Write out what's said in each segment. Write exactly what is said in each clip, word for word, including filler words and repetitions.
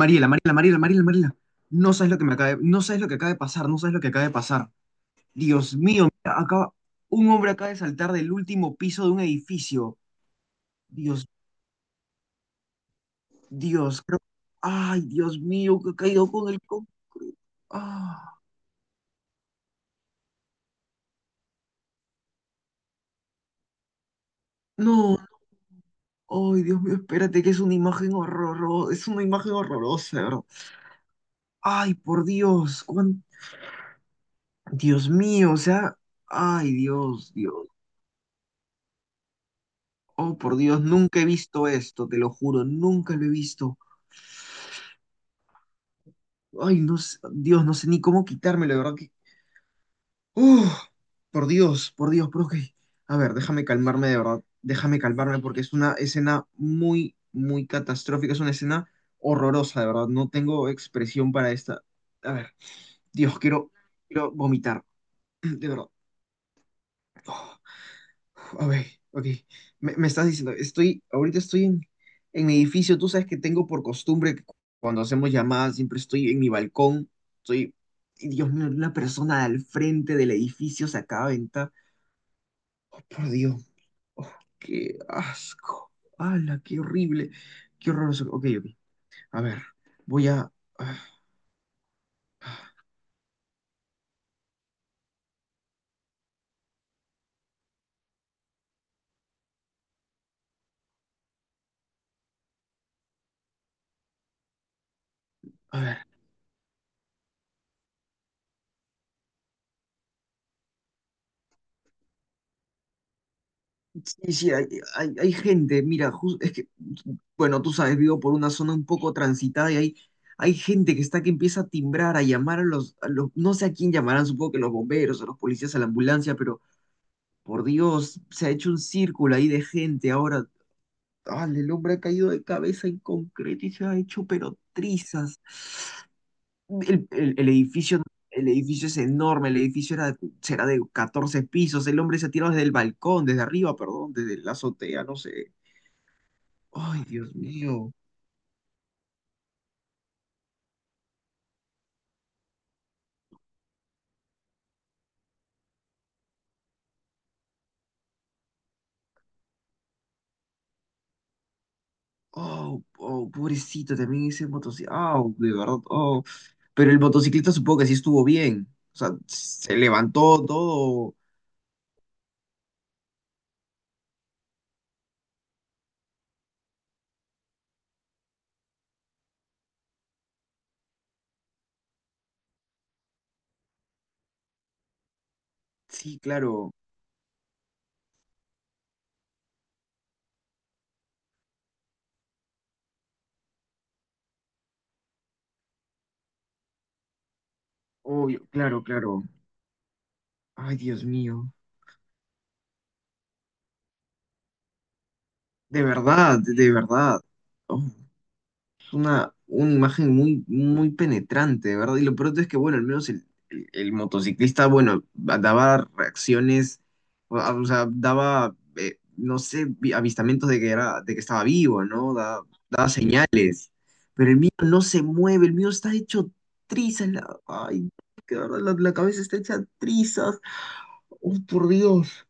Mariela, Mariela, Mariela, Mariela, Mariela. No sabes lo que me acaba de, no sabes lo que acaba de pasar, no sabes lo que acaba de pasar. Dios mío, mira, acaba, un hombre acaba de saltar del último piso de un edificio. Dios, Dios, creo- ay, Dios mío, que ha caído con el, co- ah, no, ay, Dios mío, espérate, que es una imagen horrorosa, es una imagen horrorosa, ¿de verdad? Ay, por Dios, cuán- Dios mío, o sea, ay, Dios, Dios, oh, por Dios, nunca he visto esto, te lo juro, nunca lo he visto. Ay, no sé, Dios, no sé ni cómo quitármelo, de verdad que. ¡Uf! Por Dios, por Dios, pero ok. A ver, déjame calmarme, de verdad. Déjame calmarme porque es una escena muy, muy catastrófica. Es una escena horrorosa, de verdad. No tengo expresión para esta. A ver, Dios, quiero, quiero vomitar, de verdad. ¡Oh! Ok, ok. Me, me estás diciendo, estoy, ahorita estoy en, en mi edificio. Tú sabes que tengo por costumbre que cu- cuando hacemos llamadas siempre estoy en mi balcón. Estoy, y Dios mío, una persona al frente del edificio se acaba de entrar. Oh, por Dios. Oh, qué asco. ¡Hala, qué horrible! Qué horroroso. Ok, ok. A ver, voy a. ah, A ver. Sí, sí, hay, hay, hay gente, mira, jus- es que, bueno, tú sabes, vivo por una zona un poco transitada y hay, hay gente que está que empieza a timbrar, a llamar a los, a los- no sé a quién llamarán, supongo que los bomberos, a los policías, a la ambulancia, pero por Dios, se ha hecho un círculo ahí de gente. Ahora, ah, el hombre ha caído de cabeza en concreto y se ha hecho pero trizas. El, el- el edificio, el edificio es enorme, el edificio era, será de catorce pisos, el hombre se ha tirado desde el balcón, desde arriba, perdón, desde la azotea, no sé. Ay, Dios mío. Oh, oh, pobrecito, también ese motociclista. Oh, de verdad. Oh. Pero el motociclista supongo que sí estuvo bien. O sea, se levantó todo. Sí, claro. Oh, claro, claro. Ay, Dios mío. De verdad, de verdad. Oh. una, una imagen muy, muy penetrante, ¿verdad? Y lo peor es que, bueno, al menos el, el- el motociclista, bueno, daba reacciones, o o sea, daba, eh, no sé, vi- avistamientos de que era, de que estaba vivo, ¿no? Da- daba señales. Pero el mío no se mueve, el mío está hecho trizas. La- ay, que de verdad, la, la cabeza está hecha trizas. Oh, por Dios.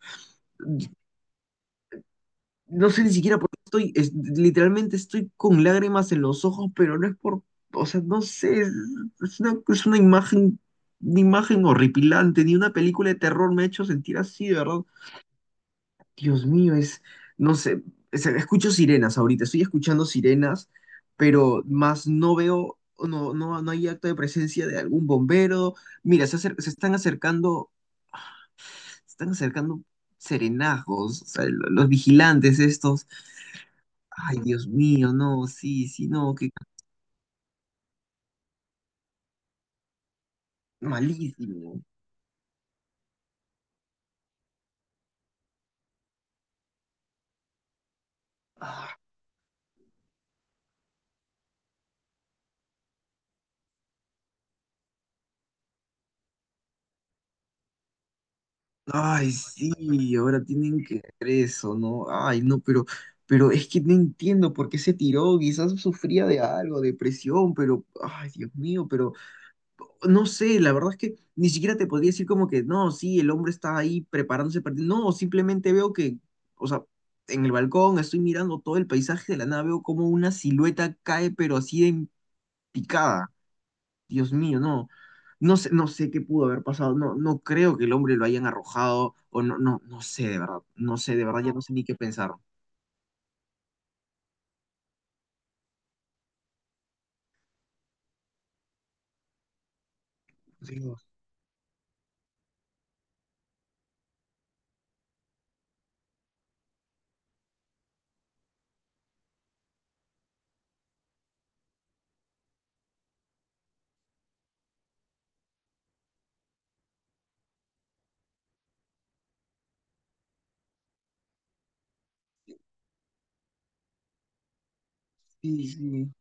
No sé ni siquiera por qué estoy, es- literalmente estoy con lágrimas en los ojos, pero no es por, o sea, no sé, es, es una, es una imagen, una imagen horripilante, ni una película de terror me ha hecho sentir así, de verdad. Dios mío, es, no sé, es- escucho sirenas ahorita, estoy escuchando sirenas, pero más no veo, no, no, no hay acto de presencia de algún bombero. Mira, se, acer- se están acercando, se están acercando serenazgos, o sea, lo- los vigilantes estos. Ay, Dios mío, no, sí, sí, no, que malísimo. Ah, ay, sí, ahora tienen que hacer eso, ¿no? Ay, no, pero, pero es que no entiendo por qué se tiró, quizás sufría de algo, depresión, pero, ay, Dios mío, pero no sé, la verdad es que ni siquiera te podría decir como que, no, sí, el hombre está ahí preparándose para ti. No, simplemente veo que, o sea, en el balcón estoy mirando todo el paisaje de la nave, veo como una silueta cae, pero así de en picada. Dios mío, no. No sé, no sé qué pudo haber pasado. No, no creo que el hombre lo hayan arrojado. O no, no, no sé de verdad. No sé, de verdad, ya no no, sé ni qué pensar. Dios, sí, sí.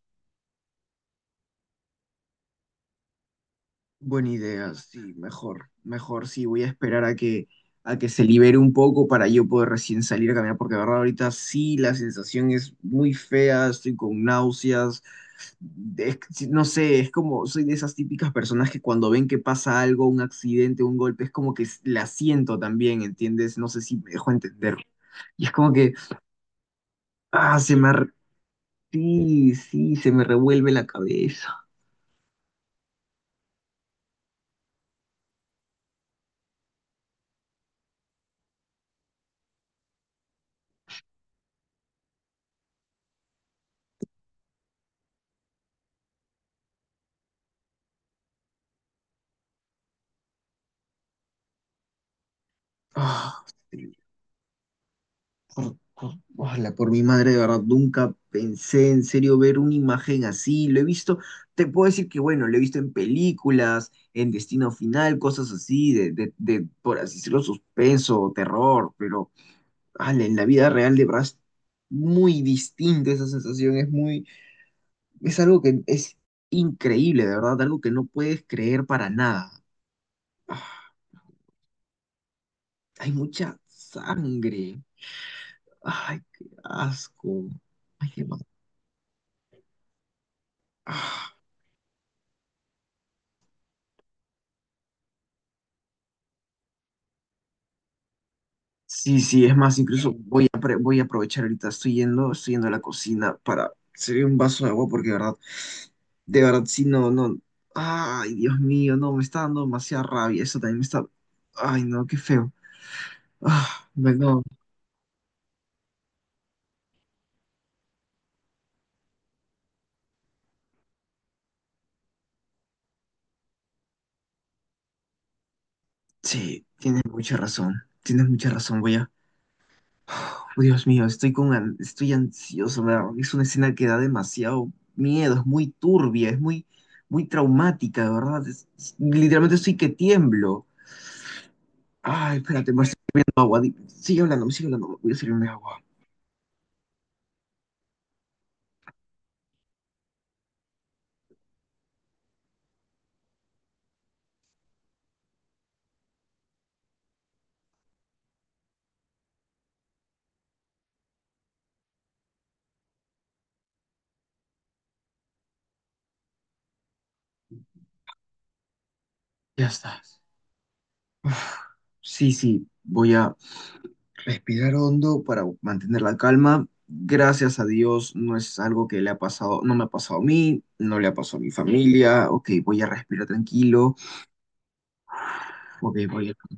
Buena idea, sí, mejor, mejor, sí, voy a esperar a que, a que se libere un poco para yo poder recién salir a caminar, porque de verdad ahorita sí la sensación es muy fea, estoy con náuseas, es- sí, no sé, es como, soy de esas típicas personas que cuando ven que pasa algo, un accidente, un golpe, es como que la siento también, ¿entiendes? No sé si me dejo entender. Y es como que, ah, se me, ar- sí, sí, se me revuelve la cabeza. Ah, sí. Por, por- ojalá, por mi madre, de verdad, nunca pensé en serio ver una imagen así. Lo he visto, te puedo decir que, bueno, lo he visto en películas, en Destino Final, cosas así, de, de, de, por así decirlo, suspenso, terror, pero ala, en la vida real de verdad es muy distinta esa sensación, es muy, es algo que es increíble, de verdad, algo que no puedes creer para nada. Ah, hay mucha sangre. Ay, qué asco. Ay, qué mal. Sí, sí, es más, incluso voy a, apre- voy a aprovechar ahorita, estoy yendo, estoy yendo a la cocina para servir un vaso de agua porque de verdad, de verdad, sí, no, no, ay, Dios mío, no, me está dando demasiada rabia, eso también me está, ay, no, qué feo. Ah, bueno, sí, tienes mucha razón, tienes mucha razón, voy a, oh, Dios mío, estoy con, an- estoy ansioso, me da- es una escena que da demasiado miedo, es muy turbia, es muy, muy traumática, de verdad, es- es- literalmente estoy que tiemblo. Ay, espérate, me estoy bebiendo agua. Di- sigue hablando, me sigue hablando. Voy a servirme agua. Ya estás. Uf, sí, sí, voy a respirar hondo para mantener la calma. Gracias a Dios, no es algo que le ha pasado, no me ha pasado a mí, no le ha pasado a mi familia. Ok, voy a respirar tranquilo. Ok, voy a...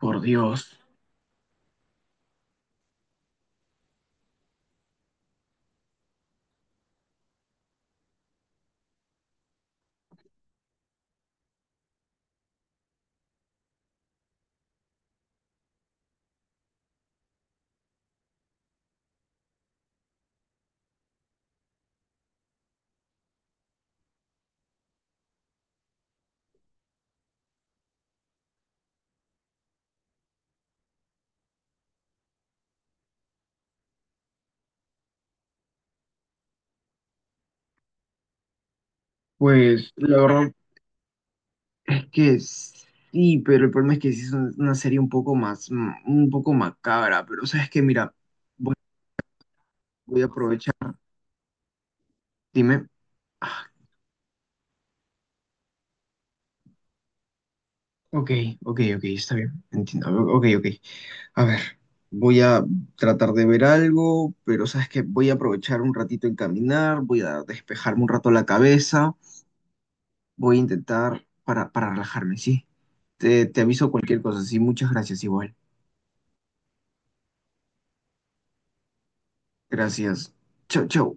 Por Dios. Pues la verdad es que sí, pero el problema es que sí es un- una serie un poco más, mm, un poco macabra. Pero sabes que mira, voy a aprovechar. Dime. Ah, ok, ok, ok, está bien, entiendo. Ok, ok. A ver, voy a tratar de ver algo, pero sabes que voy a aprovechar un ratito en caminar, voy a despejarme un rato la cabeza, voy a intentar para, para relajarme, ¿sí? Te, te aviso cualquier cosa, sí, muchas gracias igual. Gracias. Chau, chau.